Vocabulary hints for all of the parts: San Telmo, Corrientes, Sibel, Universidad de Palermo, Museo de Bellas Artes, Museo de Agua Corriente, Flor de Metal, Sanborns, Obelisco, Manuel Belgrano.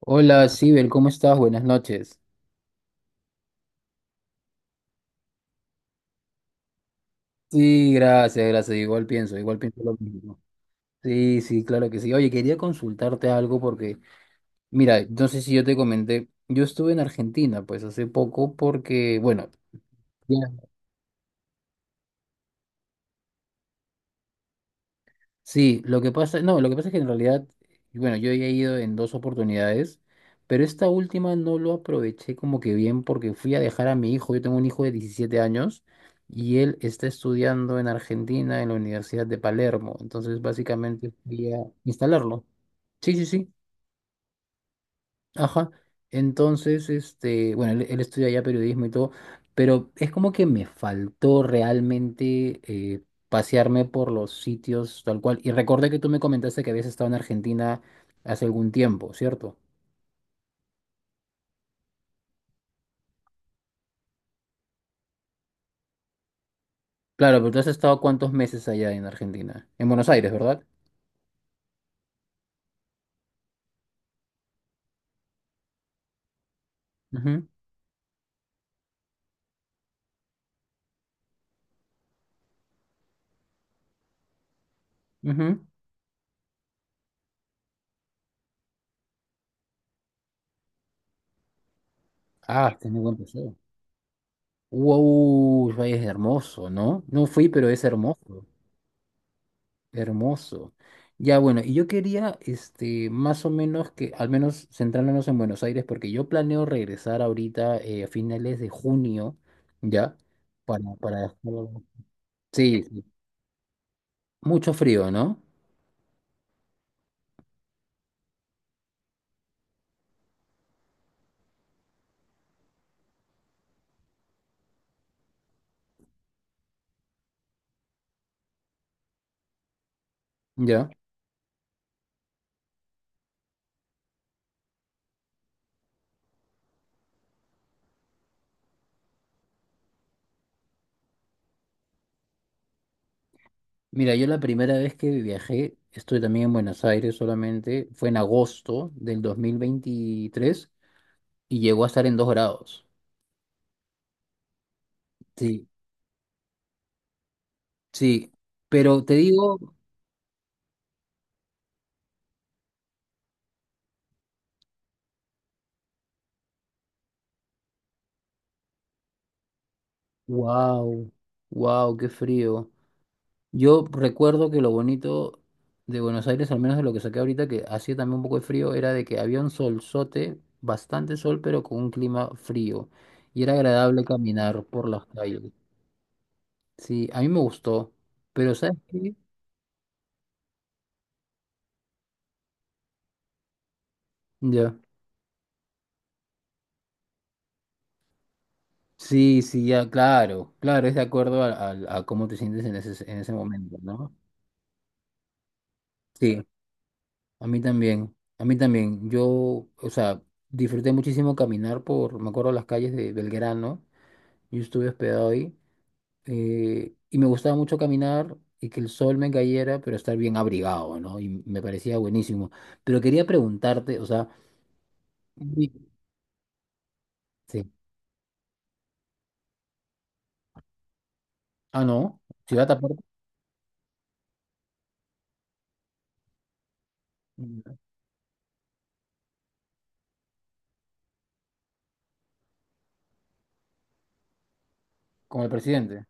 Hola, Sibel, ¿cómo estás? Buenas noches. Sí, gracias, gracias. Igual pienso lo mismo. Sí, sí, claro que sí. Oye, quería consultarte algo porque, mira, no sé si yo te comenté, yo estuve en Argentina, pues hace poco porque, bueno, ya. Sí, lo que pasa, no, lo que pasa es que en realidad, bueno, yo ya he ido en dos oportunidades, pero esta última no lo aproveché como que bien porque fui a dejar a mi hijo. Yo tengo un hijo de 17 años y él está estudiando en Argentina en la Universidad de Palermo, entonces básicamente fui a instalarlo. Sí, sí, sí. Ajá. Entonces, este, bueno, él estudia ya periodismo y todo, pero es como que me faltó realmente eh, pasearme por los sitios tal cual. Y recordé que tú me comentaste que habías estado en Argentina hace algún tiempo, ¿cierto? Claro, pero tú has estado cuántos meses allá en Argentina, en Buenos Aires, ¿verdad? Ujú, ujú. Ah, tenés buen paseo. Wow, es hermoso, ¿no? No fui, pero es hermoso. Hermoso. Ya bueno, y yo quería, este, más o menos que, al menos centrándonos en Buenos Aires, porque yo planeo regresar ahorita a finales de junio, ¿ya? Para. Sí, sí. Mucho frío, ¿no? Ya. Mira, yo la primera vez que viajé, estoy también en Buenos Aires solamente, fue en agosto del 2023 y llegó a estar en 2 grados. Sí, sí, pero te digo, wow, wow, qué frío. Yo recuerdo que lo bonito de Buenos Aires, al menos de lo que saqué ahorita, que hacía también un poco de frío, era de que había un solzote, bastante sol, pero con un clima frío. Y era agradable caminar por las calles. Sí, a mí me gustó. Pero ¿sabes qué? Ya. Sí, sí, ya, claro. Claro, es de acuerdo a, a cómo te sientes en ese momento, ¿no? Sí, a mí también. A mí también. Yo, o sea, disfruté muchísimo caminar por, me acuerdo, las calles de Belgrano. Yo estuve hospedado ahí. Y me gustaba mucho caminar y que el sol me cayera, pero estar bien abrigado, ¿no? Y me parecía buenísimo. Pero quería preguntarte, o sea, sí. Sí. Ah, no, ciudad aparte, con el presidente.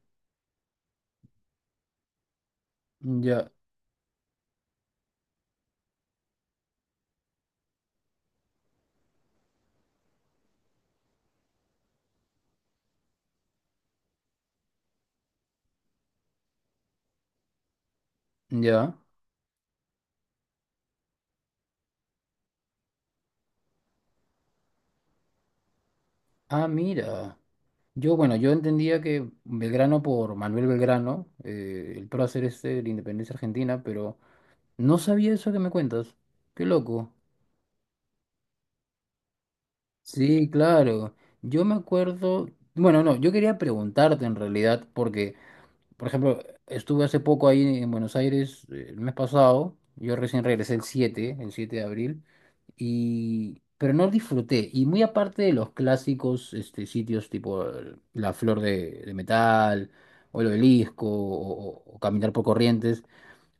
Ya, ya. Ah, mira. Yo, bueno, yo entendía que Belgrano por Manuel Belgrano, el prócer este de la independencia argentina, pero no sabía eso que me cuentas. Qué loco. Sí, claro. Yo me acuerdo, bueno, no, yo quería preguntarte en realidad, porque, por ejemplo, estuve hace poco ahí en Buenos Aires, el mes pasado, yo recién regresé el siete de abril, y, pero no disfruté. Y muy aparte de los clásicos este, sitios tipo la Flor de Metal, o el Obelisco, o caminar por Corrientes,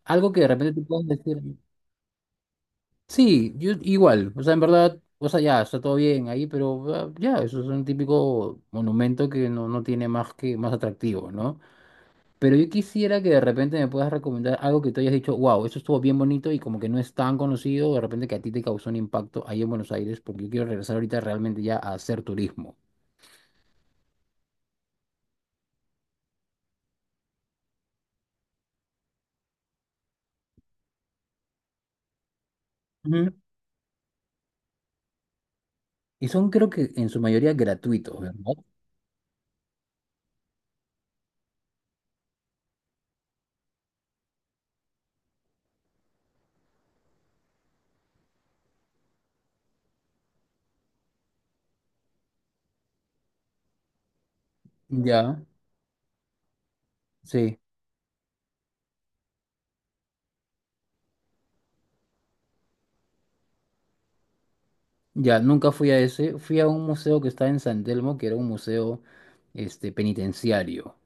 algo que de repente te puedes decir, sí, yo igual, o sea, en verdad, o sea, ya, está todo bien ahí, pero ah, ya, eso es un típico monumento que no, no tiene más que más atractivo, ¿no? Pero yo quisiera que de repente me puedas recomendar algo que tú hayas dicho, wow, eso estuvo bien bonito y como que no es tan conocido, de repente que a ti te causó un impacto ahí en Buenos Aires, porque yo quiero regresar ahorita realmente ya a hacer turismo. Ujú. Y son creo que en su mayoría gratuitos, ¿verdad? Ya, sí. Ya, nunca fui a ese. Fui a un museo que está en San Telmo, que era un museo este, penitenciario.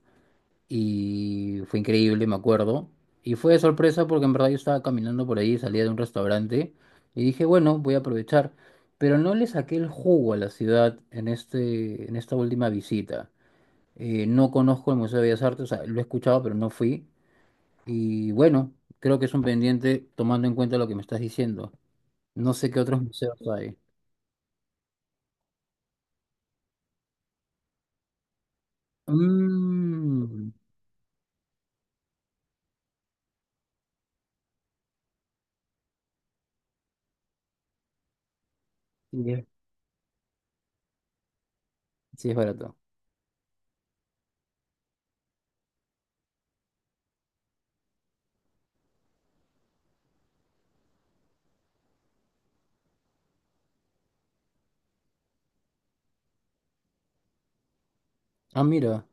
Y fue increíble, me acuerdo. Y fue de sorpresa porque en verdad yo estaba caminando por ahí, salía de un restaurante y dije, bueno, voy a aprovechar. Pero no le saqué el jugo a la ciudad en esta última visita. No conozco el Museo de Bellas Artes, o sea, lo he escuchado, pero no fui. Y bueno, creo que es un pendiente tomando en cuenta lo que me estás diciendo. No sé qué otros museos hay. Mm. Sí, es barato. Ah, mira,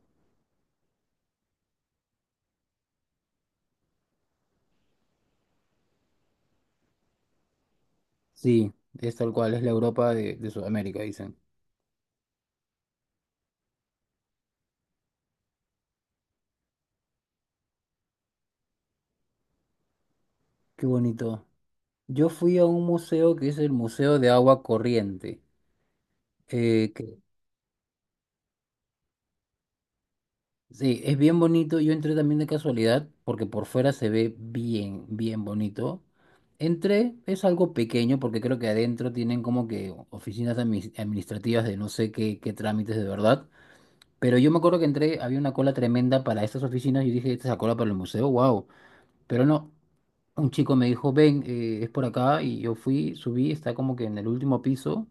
sí, es tal cual, es la Europa de Sudamérica, dicen. Qué bonito. Yo fui a un museo que es el Museo de Agua Corriente. eh, que, sí, es bien bonito. Yo entré también de casualidad porque por fuera se ve bien, bien bonito. Entré, es algo pequeño porque creo que adentro tienen como que oficinas administrativas de no sé qué trámites de verdad. Pero yo me acuerdo que entré, había una cola tremenda para estas oficinas y dije, ¿esta es la cola para el museo? ¡Wow! Pero no, un chico me dijo, ven, es por acá y yo fui, subí, está como que en el último piso.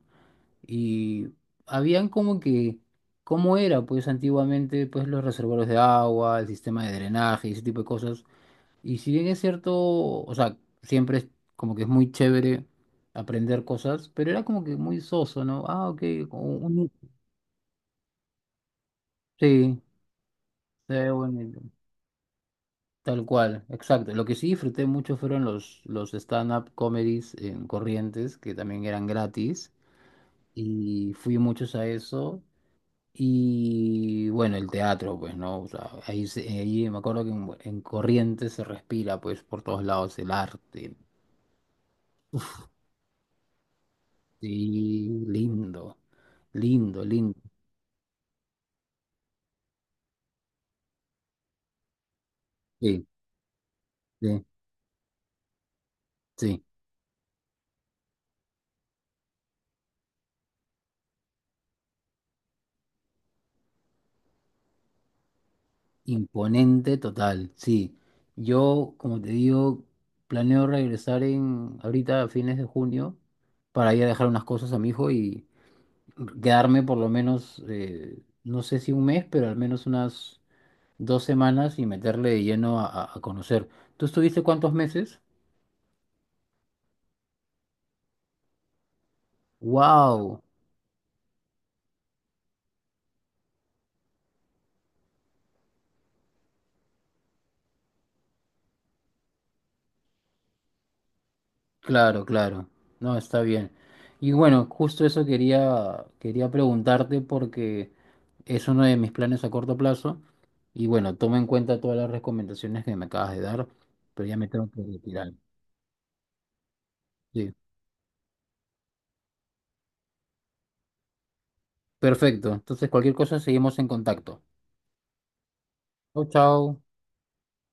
Y habían como que, ¿cómo era? Pues antiguamente, pues los reservorios de agua, el sistema de drenaje y ese tipo de cosas. Y si bien es cierto, o sea, siempre es como que es muy chévere aprender cosas, pero era como que muy soso, ¿no? Ah, ok, como un- sí, sí, bueno, tal cual, exacto. Lo que sí disfruté mucho fueron los stand-up comedies en Corrientes, que también eran gratis. Y fui muchos a eso. Y bueno, el teatro, pues, ¿no? O sea, ahí, ahí me acuerdo que en Corrientes se respira, pues, por todos lados el arte. Sí, lindo, lindo, lindo. Sí, sí, sí. Imponente total, sí. Yo, como te digo, planeo regresar en ahorita a fines de junio para ir a dejar unas cosas a mi hijo y quedarme por lo menos, no sé si un mes, pero al menos unas 2 semanas y meterle de lleno a, a conocer. ¿Tú estuviste cuántos meses? ¡Wow! Claro, claro. No, está bien. Y bueno, justo eso quería preguntarte porque es uno de mis planes a corto plazo. Y bueno, toma en cuenta todas las recomendaciones que me acabas de dar, pero ya me tengo que retirar. Sí. Perfecto. Entonces, cualquier cosa, seguimos en contacto. Chao, chao.